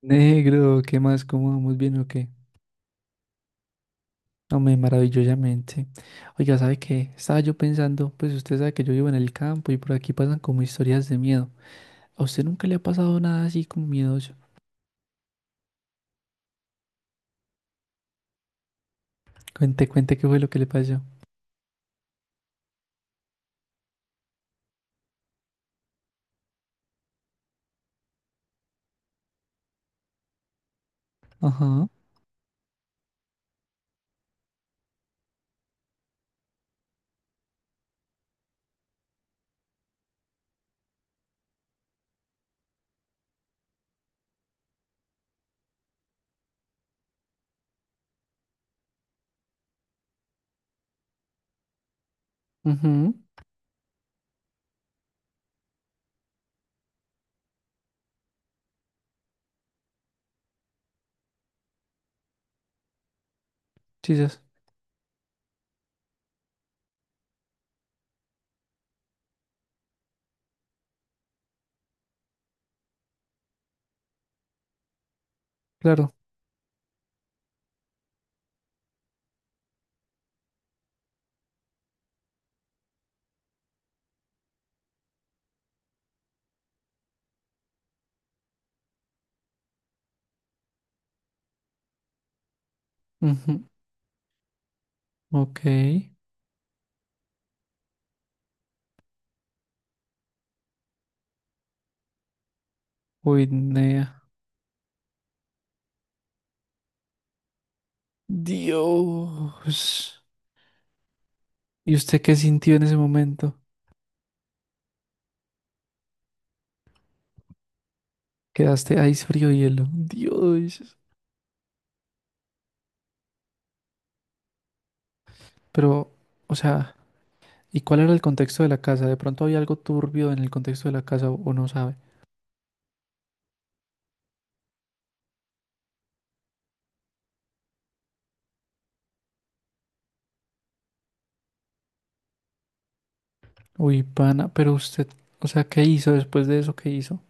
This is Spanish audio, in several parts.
Negro, ¿qué más? ¿Cómo vamos bien o qué? Hombre, maravillosamente. Oiga, ¿sabe qué? Estaba yo pensando, pues usted sabe que yo vivo en el campo y por aquí pasan como historias de miedo. ¿A usted nunca le ha pasado nada así como miedoso? Cuente, cuente qué fue lo que le pasó. Ajá. Mhm. Chicas. Claro. Mhm. Ok. Uy, nea. Dios. ¿Y usted qué sintió en ese momento? Quedaste ahí frío hielo. Dios. Pero, o sea. ¿Y cuál era el contexto de la casa? ¿De pronto había algo turbio en el contexto de la casa o no sabe? Uy, pana, pero usted, o sea, ¿qué hizo después de eso? ¿Qué hizo?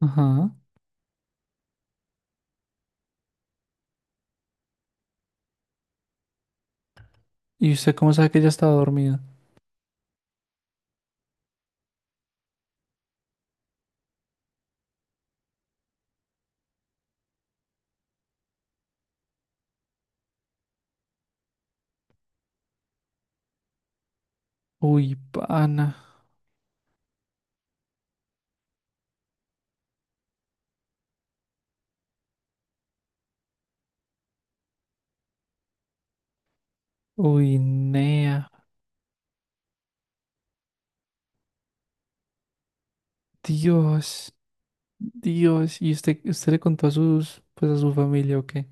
Ajá. ¿Y usted cómo sabe que ella estaba dormida? Uy, pana. Uy, nea. Dios. Dios. ¿Y usted le contó a sus, pues a su familia o qué?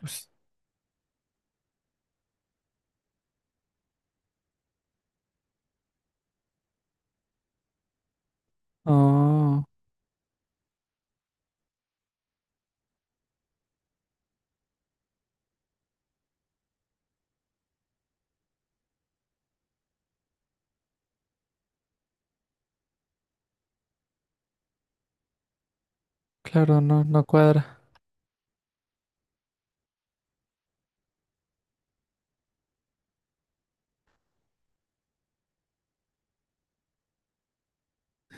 Pues- Oh, claro, no, no cuadra.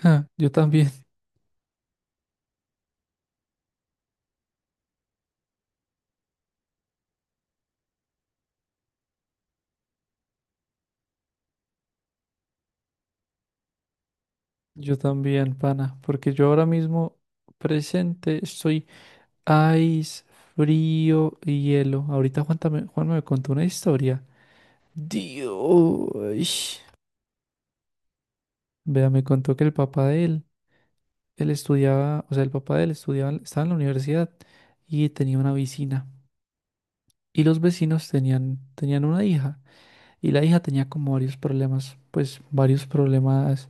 Ja, yo también. Yo también, pana. Porque yo ahora mismo presente estoy Ice, frío y hielo. Ahorita Juan me contó una historia. Dios. Vea, me contó que el papá de él, él estudiaba, o sea, el papá de él estudiaba, estaba en la universidad y tenía una vecina. Y los vecinos tenían una hija. Y la hija tenía como varios problemas, pues varios problemas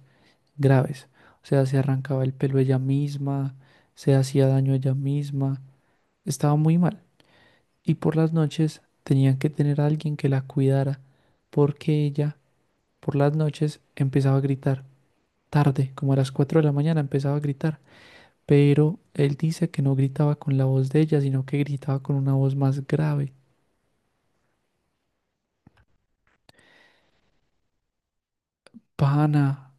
graves. O sea, se arrancaba el pelo ella misma, se hacía daño ella misma. Estaba muy mal. Y por las noches tenían que tener a alguien que la cuidara, porque ella por las noches empezaba a gritar, tarde, como a las 4 de la mañana empezaba a gritar, pero él dice que no gritaba con la voz de ella, sino que gritaba con una voz más grave. Pana.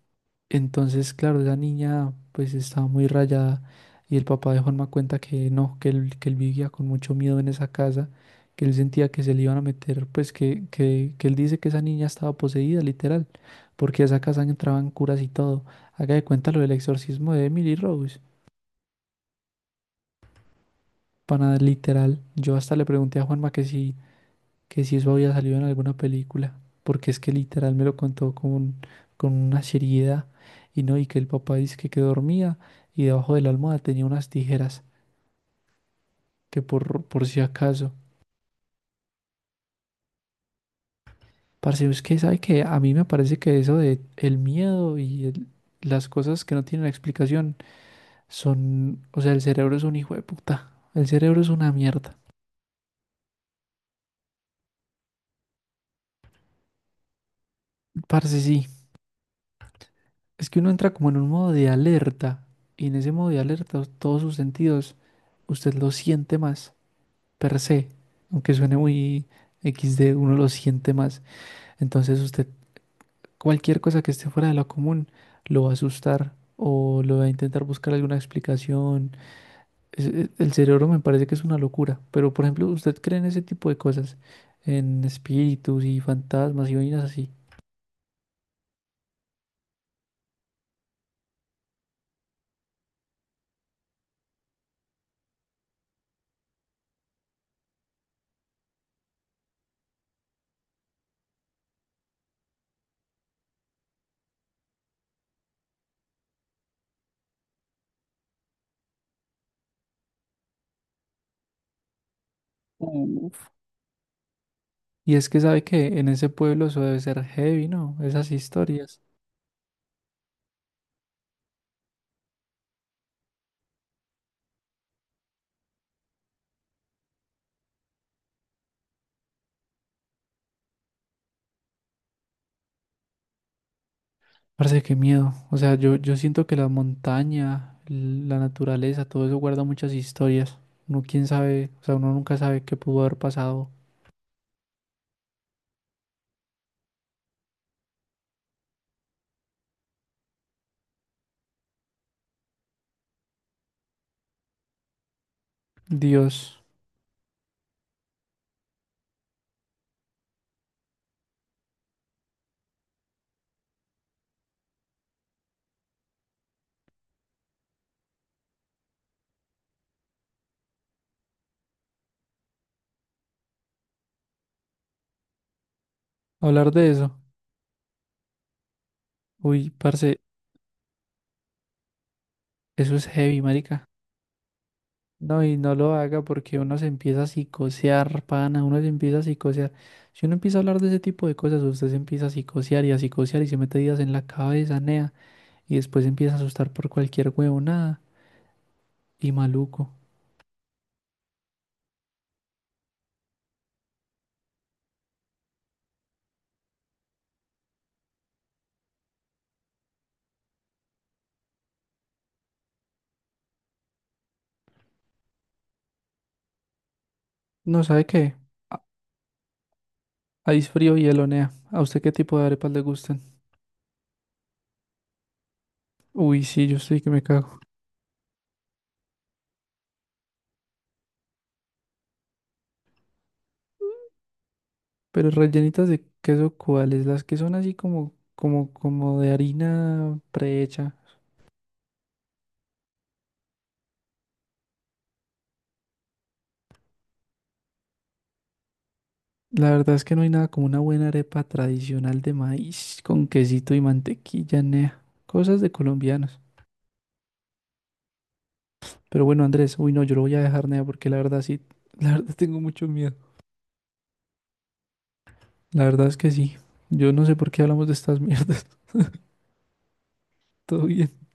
Entonces, claro, la niña pues estaba muy rayada y el papá de Juanma cuenta que no, que él vivía con mucho miedo en esa casa, que él sentía que se le iban a meter, pues que él dice que esa niña estaba poseída, literal, porque a esa casa entraban curas y todo. Haga de cuenta lo del exorcismo de Emily Rose. Para nada, literal, yo hasta le pregunté a Juanma que si eso había salido en alguna película, porque es que literal me lo contó con una seriedad y no, y que el papá dice que dormía y debajo de la almohada tenía unas tijeras, que por si acaso. Parce, es que sabe que a mí me parece que eso de el miedo y las cosas que no tienen explicación son, o sea, el cerebro es un hijo de puta, el cerebro es una mierda. Parce, sí, es que uno entra como en un modo de alerta y en ese modo de alerta todos sus sentidos usted lo siente más. Per se, aunque suene muy XD, uno lo siente más. Entonces usted, cualquier cosa que esté fuera de lo común, lo va a asustar o lo va a intentar buscar alguna explicación. El cerebro me parece que es una locura, pero por ejemplo, ¿usted cree en ese tipo de cosas? En espíritus y fantasmas y vainas así. Uf. Y es que sabe que en ese pueblo eso debe ser heavy, ¿no? Esas historias. Parece que miedo. O sea, yo siento que la montaña, la naturaleza, todo eso guarda muchas historias. Uno quién sabe, o sea, uno nunca sabe qué pudo haber pasado. Dios, hablar de eso. Uy, parce, eso es heavy, marica. No, y no lo haga porque uno se empieza a psicosear, pana, uno se empieza a psicosear. Si uno empieza a hablar de ese tipo de cosas, usted se empieza a psicosear y se mete días en la cabeza, nea, y después se empieza a asustar por cualquier huevonada y maluco. No, ¿sabe qué? Ice frío y elonea. ¿A usted qué tipo de arepas le gustan? Uy, sí, yo estoy que me cago. Pero rellenitas de queso, ¿cuáles? Las que son así como de harina prehecha. La verdad es que no hay nada como una buena arepa tradicional de maíz con quesito y mantequilla, nea. Cosas de colombianos. Pero bueno, Andrés, uy, no, yo lo voy a dejar, nea, porque la verdad sí, la verdad tengo mucho miedo. La verdad es que sí. Yo no sé por qué hablamos de estas mierdas. Todo bien.